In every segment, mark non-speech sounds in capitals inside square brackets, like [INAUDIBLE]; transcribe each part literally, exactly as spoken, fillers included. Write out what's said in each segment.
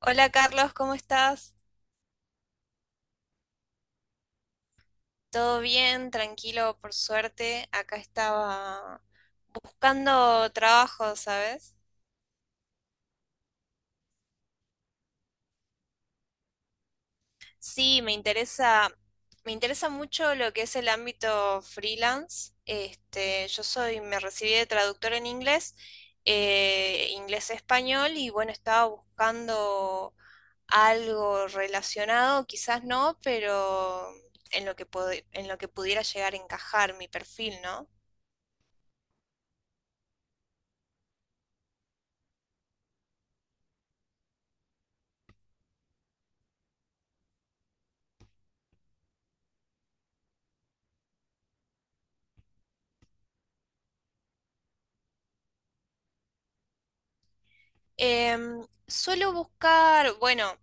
Hola Carlos, ¿cómo estás? ¿Todo bien? Tranquilo, por suerte. Acá estaba buscando trabajo, ¿sabes? Sí, me interesa, me interesa mucho lo que es el ámbito freelance. Este, yo soy, me recibí de traductora en inglés, eh, inglés-español, y bueno, estaba buscando algo relacionado, quizás no, pero en lo que pod- en lo que pudiera llegar a encajar mi perfil, ¿no? Em, suelo buscar, bueno,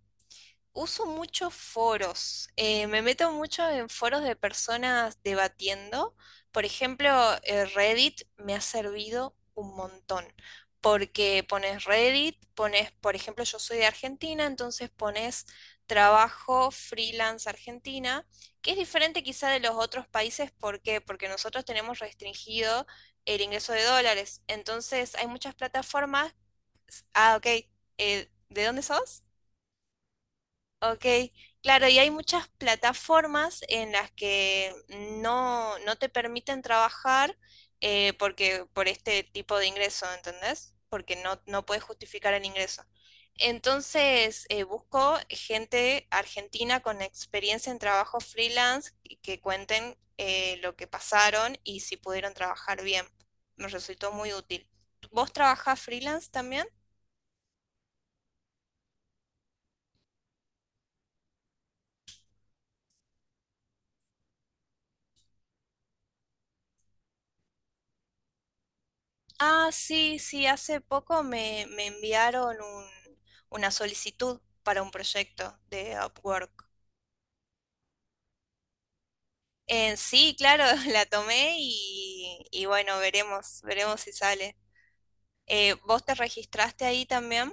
uso muchos foros, eh, me meto mucho en foros de personas debatiendo. Por ejemplo, eh, Reddit me ha servido un montón, porque pones Reddit, pones, por ejemplo, yo soy de Argentina, entonces pones trabajo freelance Argentina, que es diferente quizá de los otros países, ¿por qué? Porque nosotros tenemos restringido el ingreso de dólares, entonces hay muchas plataformas. Ah, ok. Eh, ¿de dónde sos? Ok. Claro, y hay muchas plataformas en las que no, no te permiten trabajar eh, porque, por este tipo de ingreso, ¿entendés? Porque no, no puedes justificar el ingreso. Entonces, eh, busco gente argentina con experiencia en trabajo freelance y que cuenten eh, lo que pasaron y si pudieron trabajar bien. Me resultó muy útil. ¿Vos trabajás freelance también? Ah, sí, sí, hace poco me, me enviaron un- una solicitud para un proyecto de Upwork. Eh, sí, claro, [LAUGHS] la tomé y, y bueno, veremos, veremos si sale. Eh, ¿vos te registraste ahí también?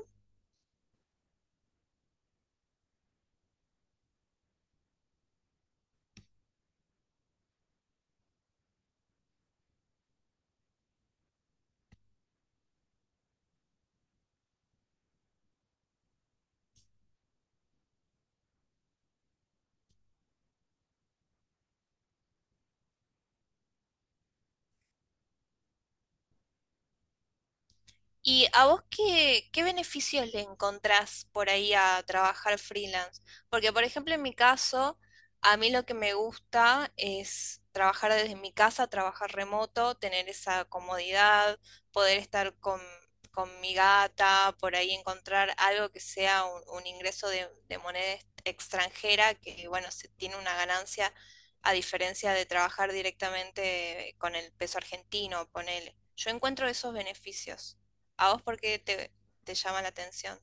¿Y a vos qué, qué beneficios le encontrás por ahí a trabajar freelance? Porque, por ejemplo, en mi caso, a mí lo que me gusta es trabajar desde mi casa, trabajar remoto, tener esa comodidad, poder estar con, con mi gata, por ahí encontrar algo que sea un, un ingreso de, de moneda ex- extranjera, que, bueno, se tiene una ganancia a diferencia de trabajar directamente con el peso argentino, ponele. Yo encuentro esos beneficios. ¿A vos por qué te, te llama la atención?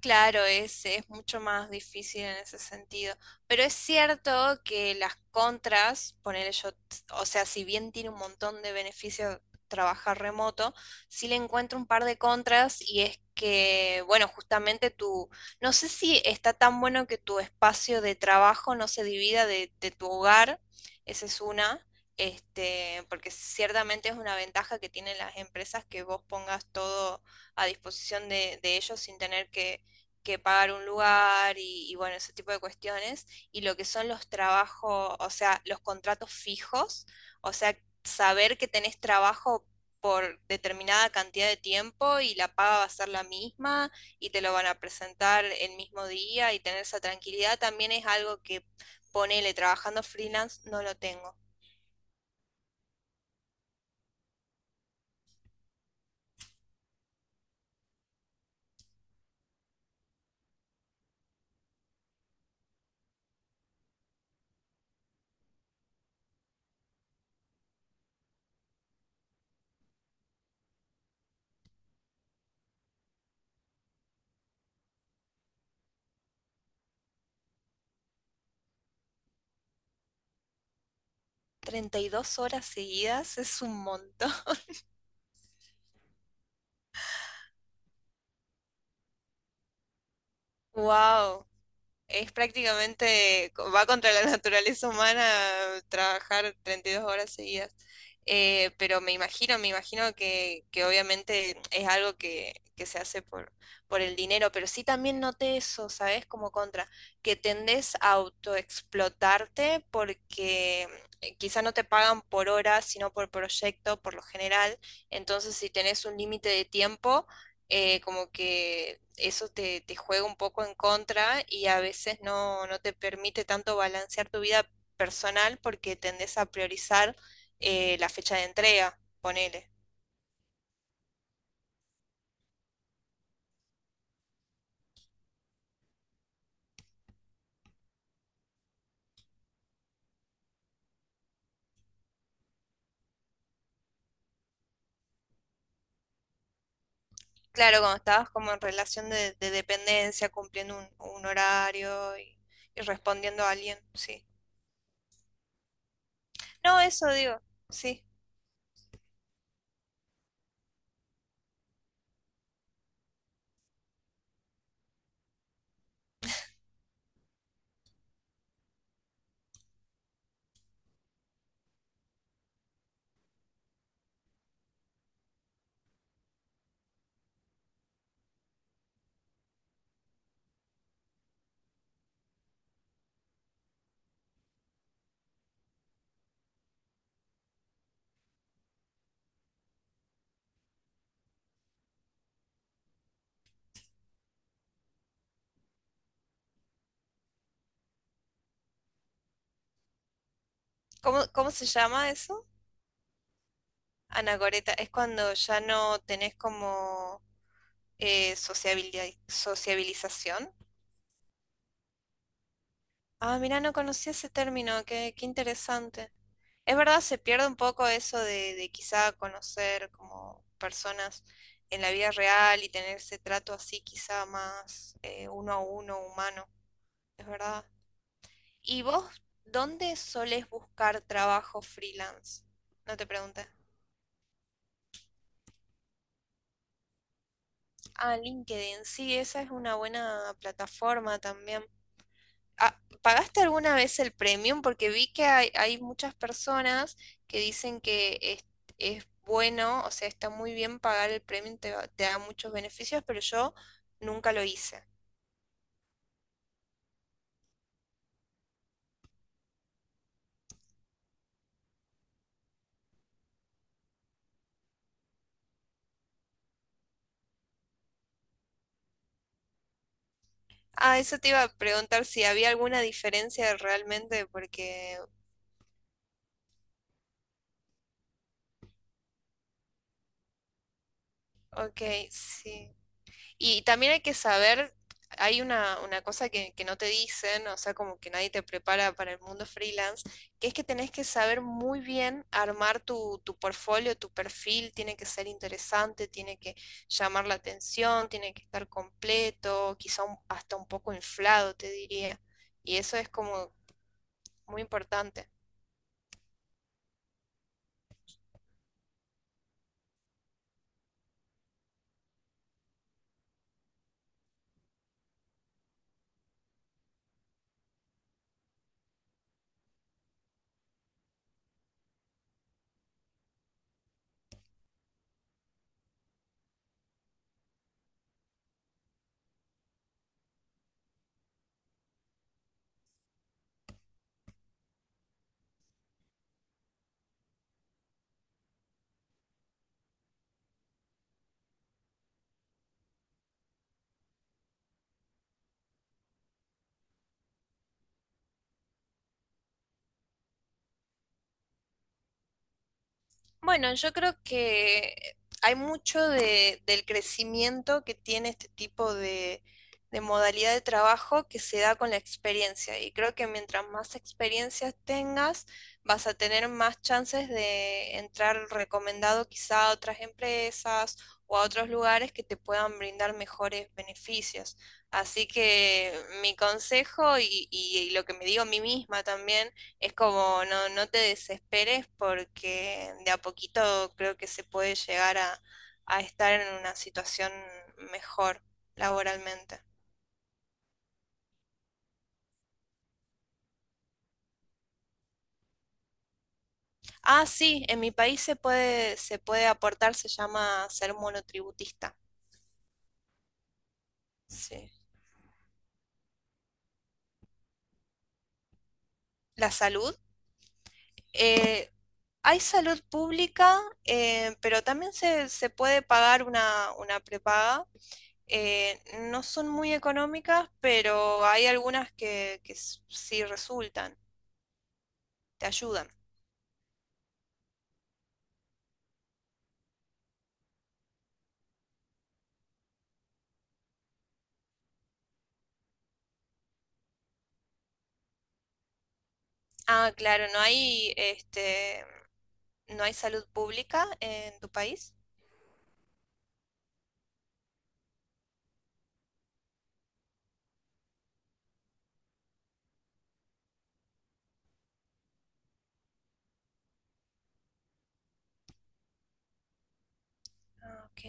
Claro, es, es mucho más difícil en ese sentido. Pero es cierto que las contras, poner yo, t- o sea, si bien tiene un montón de beneficios trabajar remoto, sí le encuentro un par de contras y es que, bueno, justamente tu, no sé si está tan bueno que tu espacio de trabajo no se divida de, de tu hogar, esa es una. Este, porque ciertamente es una ventaja que tienen las empresas que vos pongas todo a disposición de de ellos sin tener que, que pagar un lugar y, y, bueno, ese tipo de cuestiones, y lo que son los trabajos, o sea, los contratos fijos, o sea, saber que tenés trabajo por determinada cantidad de tiempo y la paga va a ser la misma y te lo van a presentar el mismo día y tener esa tranquilidad también es algo que ponele trabajando freelance no lo tengo. Treinta y dos horas seguidas es un montón. [LAUGHS] ¡Wow! Es prácticamente, co- va contra la [LAUGHS] naturaleza humana trabajar treinta y dos horas seguidas. Eh, pero me imagino, me imagino que, que obviamente es algo que, que se hace por, por el dinero, pero sí también noté eso, ¿sabes? Como contra, que tendés a autoexplotarte porque eh, quizá no te pagan por hora, sino por proyecto, por lo general. Entonces, si tenés un límite de tiempo, eh, como que eso te, te juega un poco en contra y a veces no, no te permite tanto balancear tu vida personal porque tendés a priorizar eh, la fecha de entrega, ponele. Claro, cuando estabas como en relación de, de dependencia, cumpliendo un, un horario y, y respondiendo a alguien, sí. No, eso digo, sí. ¿Cómo, cómo se llama eso? Anacoreta, es cuando ya no tenés como eh, sociabilidad, sociabilización. Ah, mira, no conocía ese término, qué, qué interesante. Es verdad, se pierde un poco eso de, de quizá conocer como personas en la vida real y tener ese trato así quizá más eh, uno a uno humano, es verdad. ¿Y vos dónde solés buscar trabajo freelance? No te pregunté. Ah, LinkedIn, sí, esa es una buena plataforma también. Ah, ¿pagaste alguna vez el premium? Porque vi que hay, hay muchas personas que dicen que es, es bueno, o sea, está muy bien pagar el premium, te, va- te da muchos beneficios, pero yo nunca lo hice. Ah, eso te iba a preguntar si había alguna diferencia realmente, porque, ok, sí. Y también hay que saber, hay una, una cosa que, que no te dicen, o sea, como que nadie te prepara para el mundo freelance, que es que tenés que saber muy bien armar tu, tu portfolio, tu perfil, tiene que ser interesante, tiene que llamar la atención, tiene que estar completo, quizá un- hasta un poco inflado, te diría. Y eso es como muy importante. Bueno, yo creo que hay mucho de- del crecimiento que tiene este tipo de, de modalidad de trabajo que se da con la experiencia. Y creo que mientras más experiencias tengas, vas a tener más chances de entrar recomendado quizá a otras empresas o a otros lugares que te puedan brindar mejores beneficios. Así que mi consejo y, y y lo que me digo a mí misma también es como no, no te desesperes porque de a poquito creo que se puede llegar a, a estar en una situación mejor laboralmente. Ah, sí, en mi país se puede, se puede aportar, se llama ser monotributista. Sí. La salud. eh, hay salud pública, eh, pero también se, se puede pagar una, una prepaga. Eh, no son muy económicas, pero hay algunas que, que s- sí resultan, te ayudan. Ah, claro, no hay, este, no hay salud pública en tu país. Ah, ok.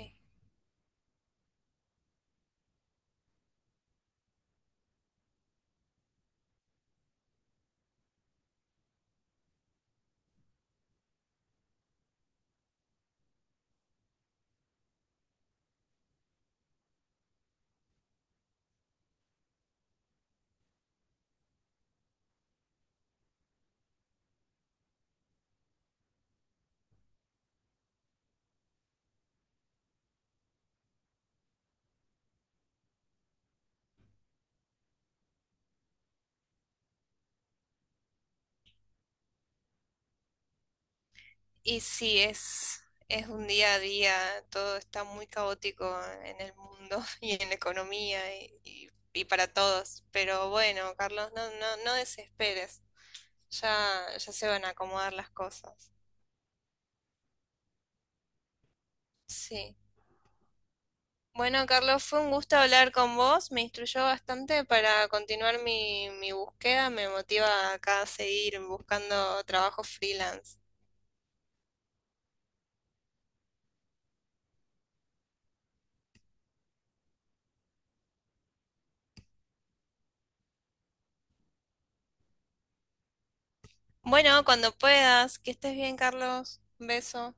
Y sí, es, es un día a día, todo está muy caótico en el mundo [LAUGHS] y en la economía y, y- y para todos. Pero bueno, Carlos, no, no, no desesperes. Ya, ya se van a acomodar las cosas. Sí. Bueno, Carlos, fue un gusto hablar con vos. Me instruyó bastante para continuar mi, mi búsqueda. Me motiva acá a seguir buscando trabajo freelance. Bueno, cuando puedas, que estés bien, Carlos. Un beso.